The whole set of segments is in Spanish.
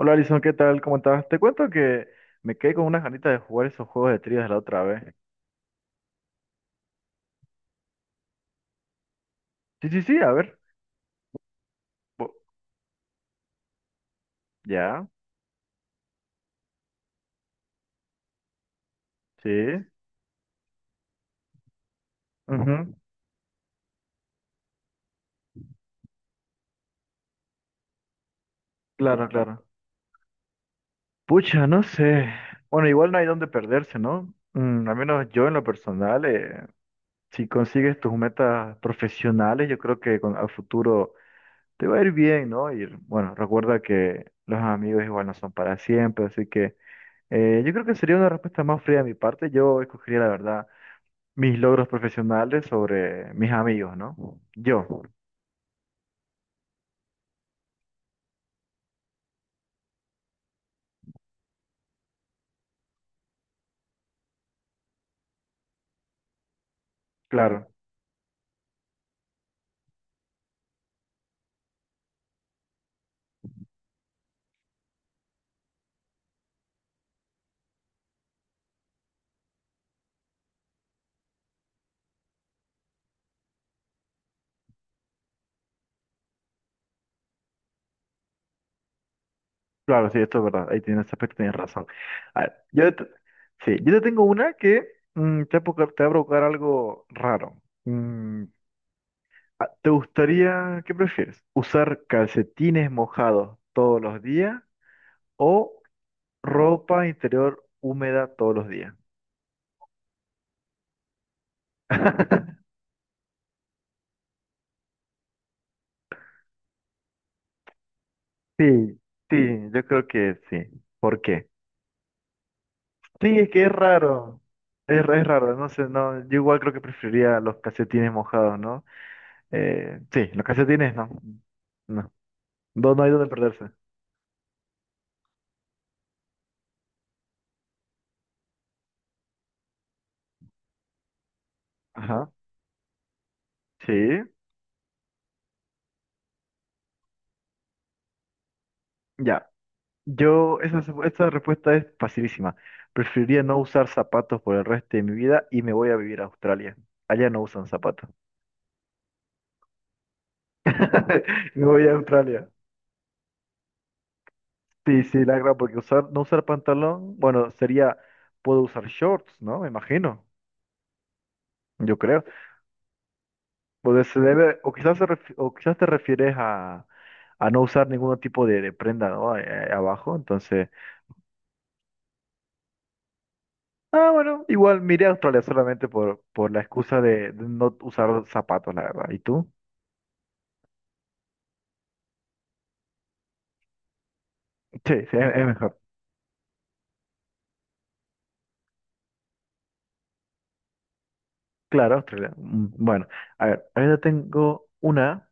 Hola Alison, ¿qué tal? ¿Cómo estás? Te cuento que me quedé con unas ganitas de jugar esos juegos de trivias la otra vez. Sí, sí, sí, a ver. Bo- Ya, sí. ujú, Claro, claro. Pucha, no sé. Bueno, igual no hay dónde perderse, ¿no? Al menos yo en lo personal, si consigues tus metas profesionales, yo creo que con, al futuro te va a ir bien, ¿no? Y bueno, recuerda que los amigos igual no son para siempre, así que yo creo que sería una respuesta más fría de mi parte. Yo escogería la verdad mis logros profesionales sobre mis amigos, ¿no? Yo, claro. Claro, claro, sí, esto es verdad, ahí tienes, ese aspecto tienes razón. A ver, sí, yo te tengo una que va a provocar te va a provocar algo raro. ¿Te gustaría, qué prefieres? ¿Usar calcetines mojados todos los días o ropa interior húmeda todos los días? Sí, sí, yo creo que sí. ¿Por qué? Sí, es que es raro. Es raro, no sé, no, yo igual creo que preferiría los calcetines mojados, ¿no? Sí, los calcetines no. No. No, no hay donde perderse. Ajá. Sí, ya. Esta respuesta es facilísima. Preferiría no usar zapatos por el resto de mi vida y me voy a vivir a Australia. Allá no usan zapatos. Me voy a Australia. Sí, sí, la gran, porque no usar pantalón, bueno, sería, puedo usar shorts, ¿no? Me imagino, yo creo. Pues se debe, quizás, o quizás te refieres a no usar ningún tipo de prenda, ¿no? Abajo. Entonces, ah, bueno, igual miré a Australia solamente por la excusa de no usar zapatos, la verdad. ¿Y tú? Sí, sí, es mejor. Claro, Australia. Mm, bueno, a ver, ahora tengo una.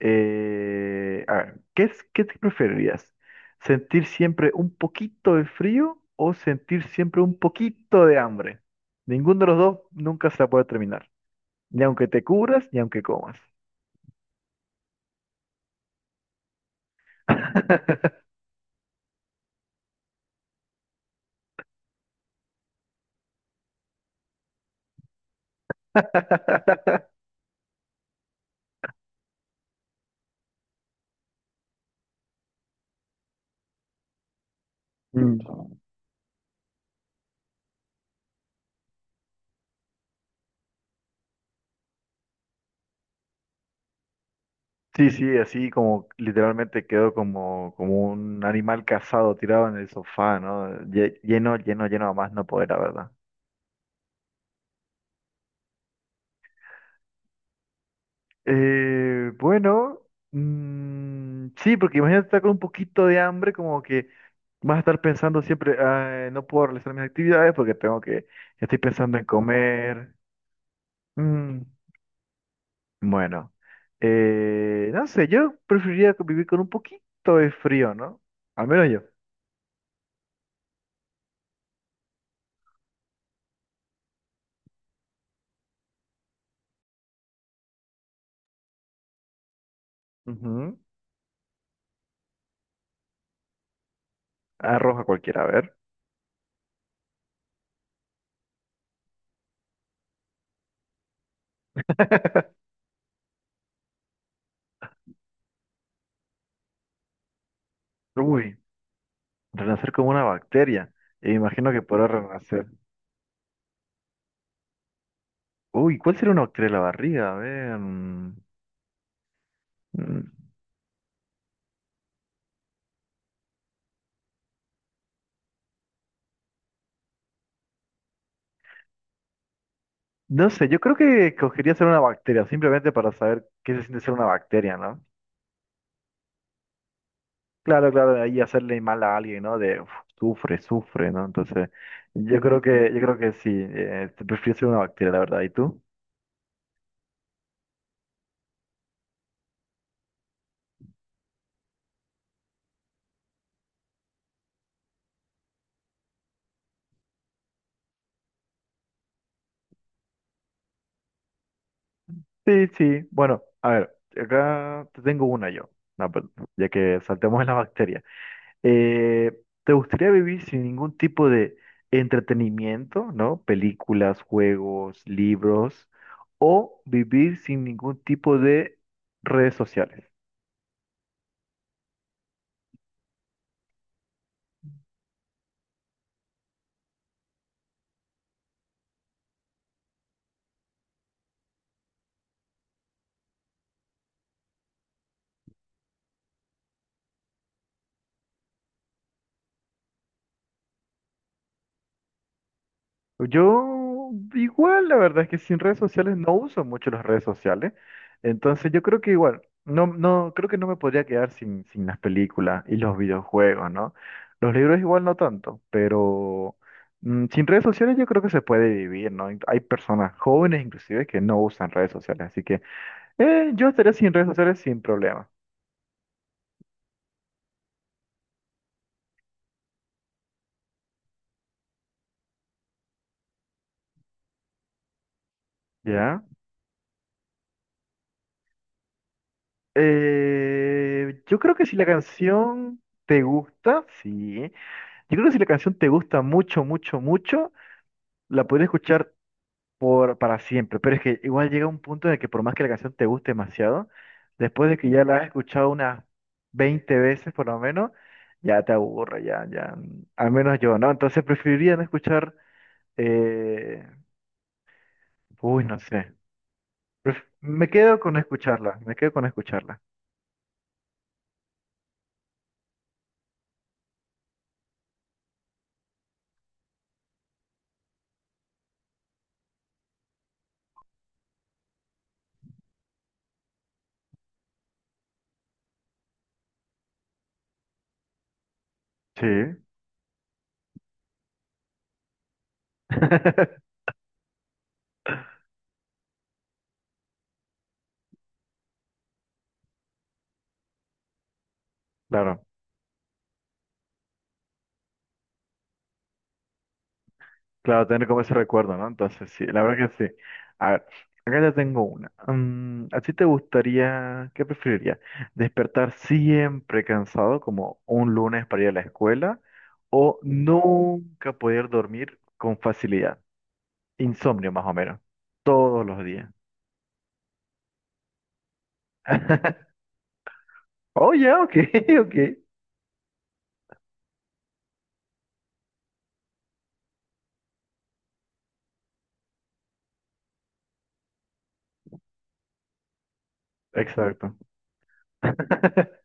¿Qué es, qué te preferirías? ¿Sentir siempre un poquito de frío o sentir siempre un poquito de hambre? Ninguno de los dos nunca se la puede terminar. Ni aunque te cubras, ni aunque comas. Mm. Sí, sí, así como literalmente quedó como, como un animal cazado tirado en el sofá, ¿no? Lleno, lleno, lleno a más no poder, la verdad. Eh, bueno, sí, porque imagínate estar con un poquito de hambre, como que vas a estar pensando siempre, "Ay, no puedo realizar mis actividades porque tengo que, estoy pensando en comer." Mm. Bueno, no sé, yo preferiría vivir con un poquito de frío, ¿no? Al menos yo. Ujú. Arroja cualquiera, a ver. Uy, renacer como una bacteria. E imagino que podrá renacer. Uy, ¿cuál sería una bacteria en la barriga? A ver. Mm, No sé, yo creo que escogería ser una bacteria, simplemente para saber qué se siente ser una bacteria, ¿no? Claro, claro, ahí hacerle mal a alguien, ¿no? De uf, sufre, sufre, ¿no? Entonces, yo creo que sí, te prefiero ser una bacteria, la verdad. ¿Y tú? Sí, sí. Bueno, a ver, acá te tengo una yo, no, pero ya que saltemos en la bacteria. Eh, ¿Te gustaría vivir sin ningún tipo de entretenimiento, ¿no? Películas, juegos, libros, o vivir sin ningún tipo de redes sociales? Yo igual, la verdad es que sin redes sociales no uso mucho las redes sociales. Entonces yo creo que igual, no, no, creo que no me podría quedar sin las películas y los videojuegos, ¿no? Los libros igual no tanto, pero sin redes sociales yo creo que se puede vivir, ¿no? Hay personas jóvenes inclusive que no usan redes sociales, así que yo estaría sin redes sociales sin problema, ¿ya? Yo creo que si la canción te gusta, sí. Yo creo que si la canción te gusta mucho, mucho, mucho, la puedes escuchar para siempre. Pero es que igual llega un punto en el que por más que la canción te guste demasiado, después de que ya la has escuchado unas 20 veces por lo menos, ya te aburre, ya, ya. Al menos yo, ¿no? Entonces preferiría no escuchar, eh, uy, no sé. Me quedo con escucharla, me quedo con escucharla. Sí. Claro. Claro, tener como ese recuerdo, ¿no? Entonces, sí, la verdad que sí. A ver, acá ya tengo una. Mm, ¿a ti te gustaría, qué preferirías? ¿Despertar siempre cansado como un lunes para ir a la escuela o nunca poder dormir con facilidad? Insomnio más o menos, todos los días. Oh, ya, ok, ok. Exacto.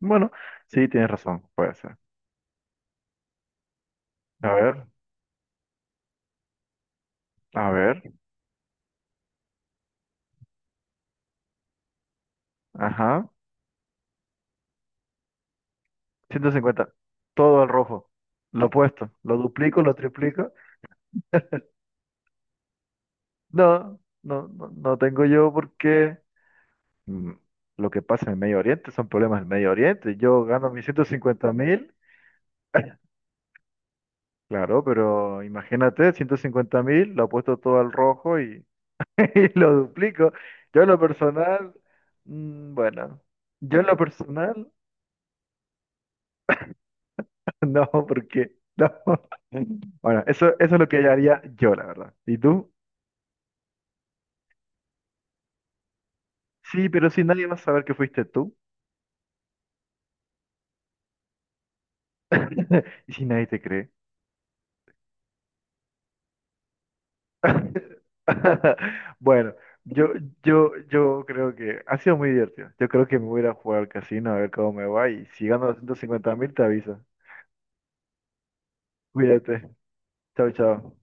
Bueno, sí, tienes razón, puede ser. A ver, a ver, ajá. 150. Todo al rojo. Lo opuesto. Lo duplico, lo triplico. No, no, no, no tengo yo porque mm, lo que pasa en el Medio Oriente son problemas del Medio Oriente. Yo gano mis 150.000, claro, pero imagínate, 150.000, lo apuesto todo al rojo y, y lo duplico. Yo en lo personal, mm, bueno, yo en lo personal, no, porque no. Bueno, eso es lo que yo haría yo, la verdad. ¿Y tú? Sí, pero si nadie va a saber que fuiste tú. Y si nadie te cree. Bueno, yo, yo creo que ha sido muy divertido. Yo creo que me voy a ir a jugar al casino a ver cómo me va. Y si gano 250.000, te aviso. Cuídate. Chao, chao.